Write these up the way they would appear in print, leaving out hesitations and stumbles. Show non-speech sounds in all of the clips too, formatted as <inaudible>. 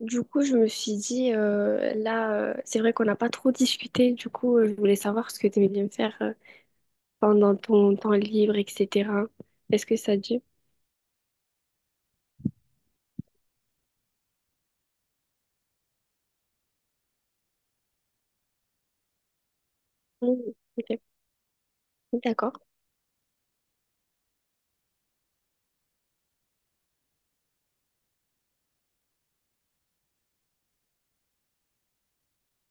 Du coup, je me suis dit, là, c'est vrai qu'on n'a pas trop discuté. Du coup, je voulais savoir ce que tu aimais bien faire pendant ton temps libre, etc. Est-ce que ça te dit? Mm, ok. D'accord.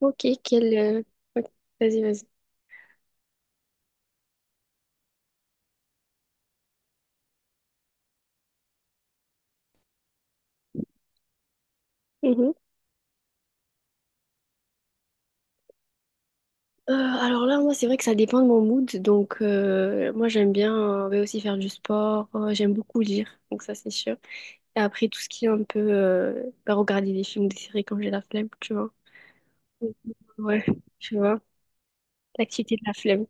Ok, ok. Vas-y, vas-y. Mhm. Alors là, moi, c'est vrai que ça dépend de mon mood. Donc, moi, j'aime bien, ouais, aussi faire du sport. J'aime beaucoup lire, donc ça, c'est sûr. Et après, tout ce qui est un peu bah, regarder des films, des séries quand j'ai la flemme, tu vois. Ouais, tu vois. L'activité de la flemme.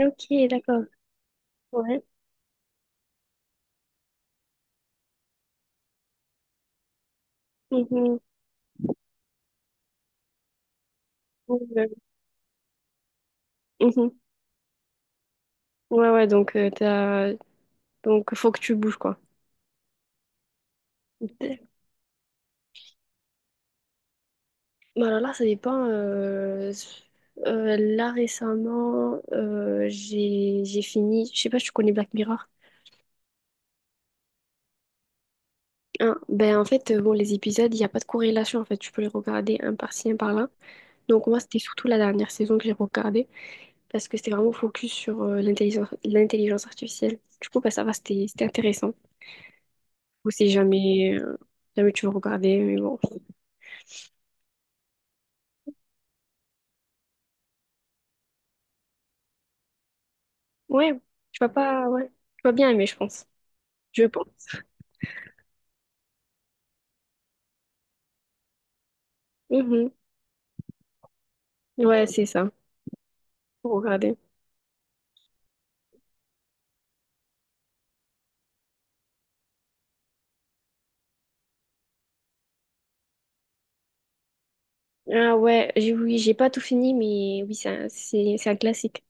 Ok, d'accord. Ouais. Mhm. Ouais, ouais. Mhm. Ouais, ouais, donc donc faut que tu bouges, quoi. D- Bah alors là, ça dépend. Là récemment, j'ai fini. Je sais pas si tu connais Black Mirror. Hein, ben, en fait, bon, les épisodes, il n'y a pas de corrélation. En fait, tu peux les regarder un par-ci, un par-là. Donc moi, c'était surtout la dernière saison que j'ai regardée parce que c'était vraiment focus sur l'intelligence artificielle. Du coup, bah, ça va, c'était intéressant. Ou si jamais tu veux regarder, mais bon. Ouais, tu vas pas, ouais. Tu vas bien aimer, je pense. Je pense. Mhm. Ouais, c'est ça. Pour regarder. Ah ouais, oui, j'ai pas tout fini, mais oui, c'est c'est un classique.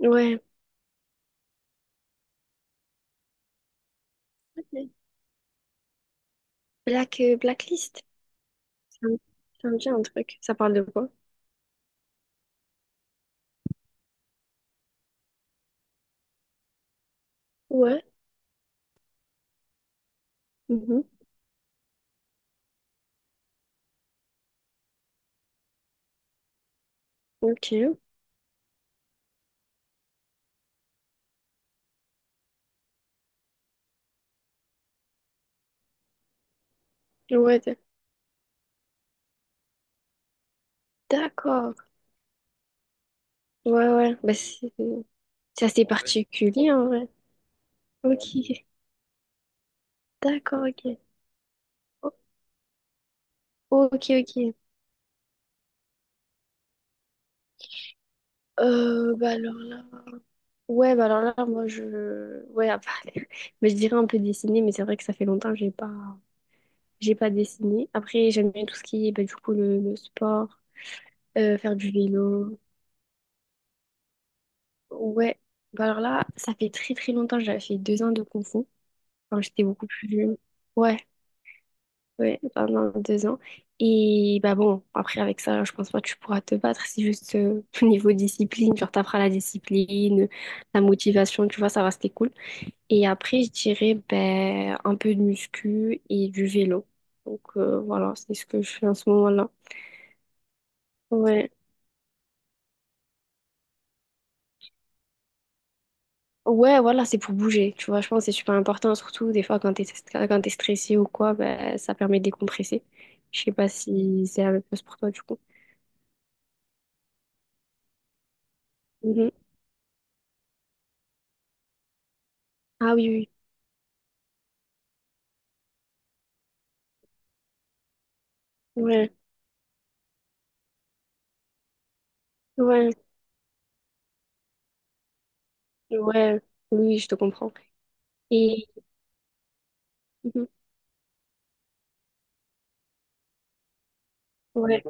Ouais. Blacklist. Ça me, ça me dit un truc. Ça parle de quoi? Ouais. Mhm. Ok. Ouais, d'accord. Ouais, ouais. Bah, c'est assez particulier, en vrai. Ok. D'accord, ok. O- ok, ok. Bah alors là. Ouais, bah alors là, ouais, <laughs> mais je dirais un peu dessiner, mais c'est vrai que ça fait longtemps que j'ai pas dessiné. Après, j'aime bien tout ce qui est, bah, du coup, le sport, faire du vélo. Ouais, bah alors là, ça fait très très longtemps, j'avais fait 2 ans de Kung Fu, quand j'étais beaucoup plus jeune. Ouais, ouais, pendant 2 ans. Et bah bon, après, avec ça, je pense pas que tu pourras te battre, c'est juste <laughs> au niveau discipline, genre t'apprends la discipline, la motivation, tu vois, ça va, c'était cool. Et après, je dirais ben, un peu de muscu et du vélo. Donc voilà, c'est ce que je fais en ce moment-là. Ouais. Ouais, voilà, c'est pour bouger. Tu vois, je pense que c'est super important, surtout des fois quand t'es stressé ou quoi, ben, ça permet de décompresser. Je sais pas si c'est la même chose pour toi du coup. Mhm. Ah oui, oui. Ouais, ouais, ouais. Oui, je te comprends. Et mhm. Ouais.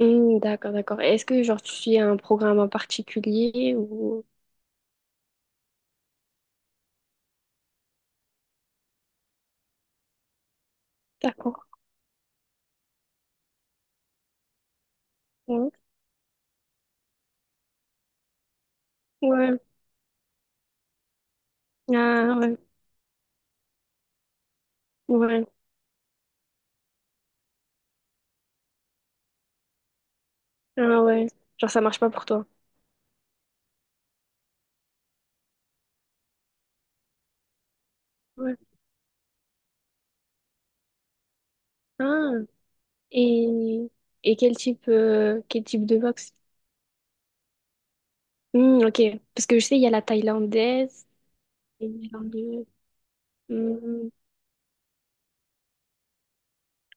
Hmm, d'accord, d'accord. Est-ce que genre tu suis un programme en particulier ou... D'accord. Ouais. Ouais. Ah, ouais. Ouais. Ah ouais. Genre, ça marche pas pour toi. Ouais. Ah. Et, et quel type de boxe? Hmm, ok. Parce que je sais, il y a la thaïlandaise. Et il y a le- Hmm,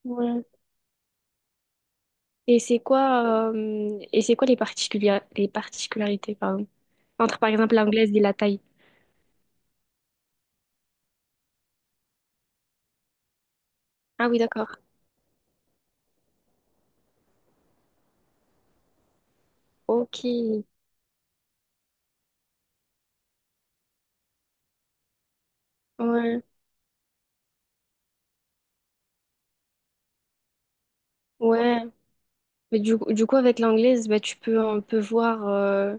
ouais. Et c'est quoi les les particularités, pardon, entre par exemple l'anglaise et la thaï? Ah oui, d'accord. Ok. Ouais. Ouais. Mais du coup, avec l'anglaise, bah, tu peux un peu voir.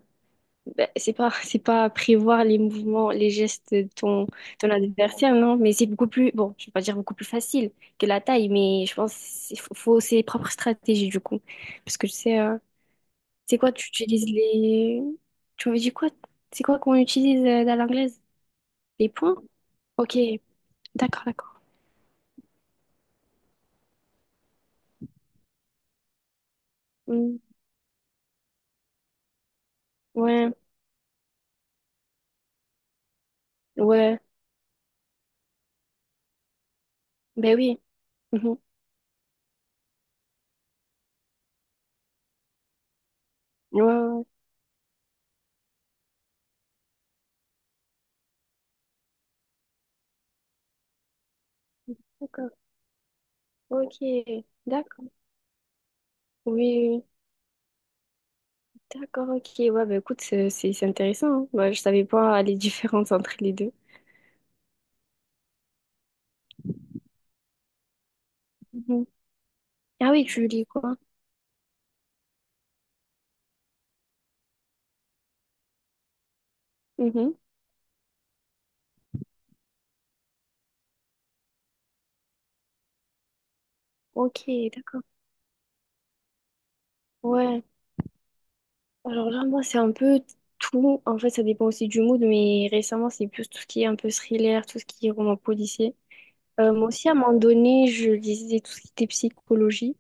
Ben, c'est pas, <laughs> c'est pas prévoir les mouvements, les gestes de ton adversaire, non, mais c'est beaucoup plus, bon, je vais pas dire beaucoup plus facile que la taille, mais je pense qu'il faut ses propres stratégies, du coup. Parce que tu sais, c'est quoi, tu utilises les... Tu m'avais dit quoi? C'est quoi qu'on utilise dans l'anglaise? Les points? Ok, d'accord, d'accord. Hmm, ouais, ouais, ben oui. Mhm. Ouais, ouais, ouais. D'accord. Ok, d'accord. Oui, oui, oui. D'accord, ok. Ouais, bah écoute, c'est intéressant, hein. Bah, je savais pas les différences entre les deux. Mhm. Ah oui, tu lis quoi? Mhm. Ok, d'accord. Ouais. Alors là, moi, c'est un peu tout. En fait, ça dépend aussi du mood, mais récemment, c'est plus tout ce qui est un peu thriller, tout ce qui est roman policier. Moi aussi, à un moment donné, je lisais tout ce qui était psychologie,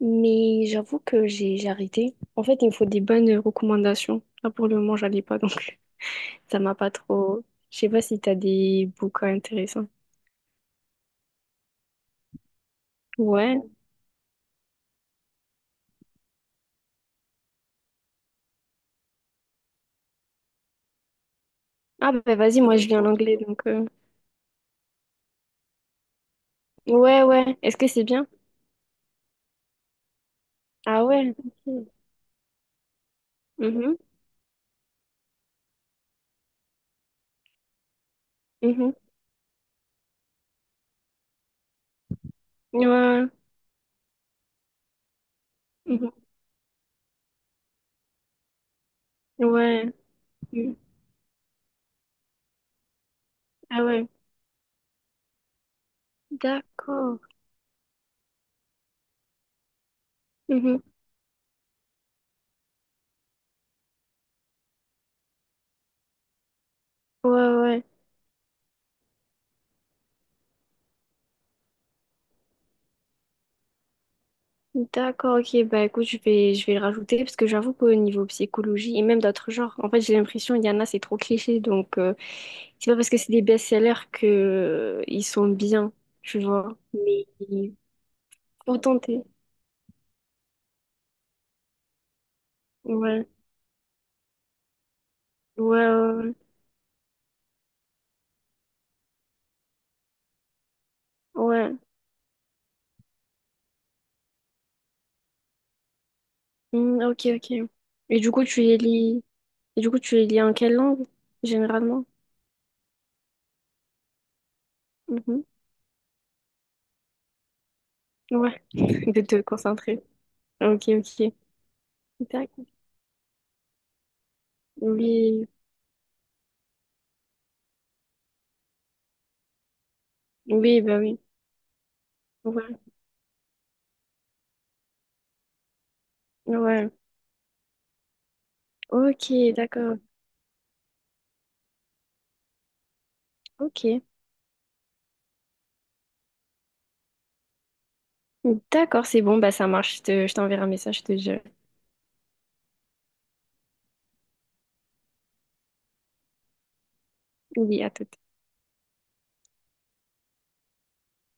mais j'avoue que j'ai arrêté. En fait, il me faut des bonnes recommandations. Là, pour le moment, j'en ai pas, donc <laughs> ça m'a pas trop. Je sais pas si t'as des bouquins intéressants. Ouais. Ah bah vas-y, moi je lis en anglais, Ouais, ouais. Est-ce que c'est bien? Ah ouais. Ok. Mhm, mhm. Ouais, mhm. Ouais. Mhm. Ah ouais. D'accord. Mhm. Ouais, ouais. D'accord, ok. Bah écoute, je vais le rajouter parce que j'avoue qu'au niveau psychologie et même d'autres genres, en fait j'ai l'impression il y en a, c'est trop cliché. Donc c'est pas parce que c'est des best-sellers que ils sont bien, tu vois. Mais faut tenter. Ouais. Ouais, ouais, ouais. Ouais. Hmm, ok, ok. Et du coup, tu les lis. Et du coup, tu les lis en quelle langue, généralement? Mhm. Ouais, <laughs> de te concentrer. Ok, ok. D'accord. Oui, oui, bah oui. Ouais, ouais. Ok, d'accord. Ok. D'accord, c'est bon, bah ça marche. Je t'enverrai un message, je te jure. Oui, à tout.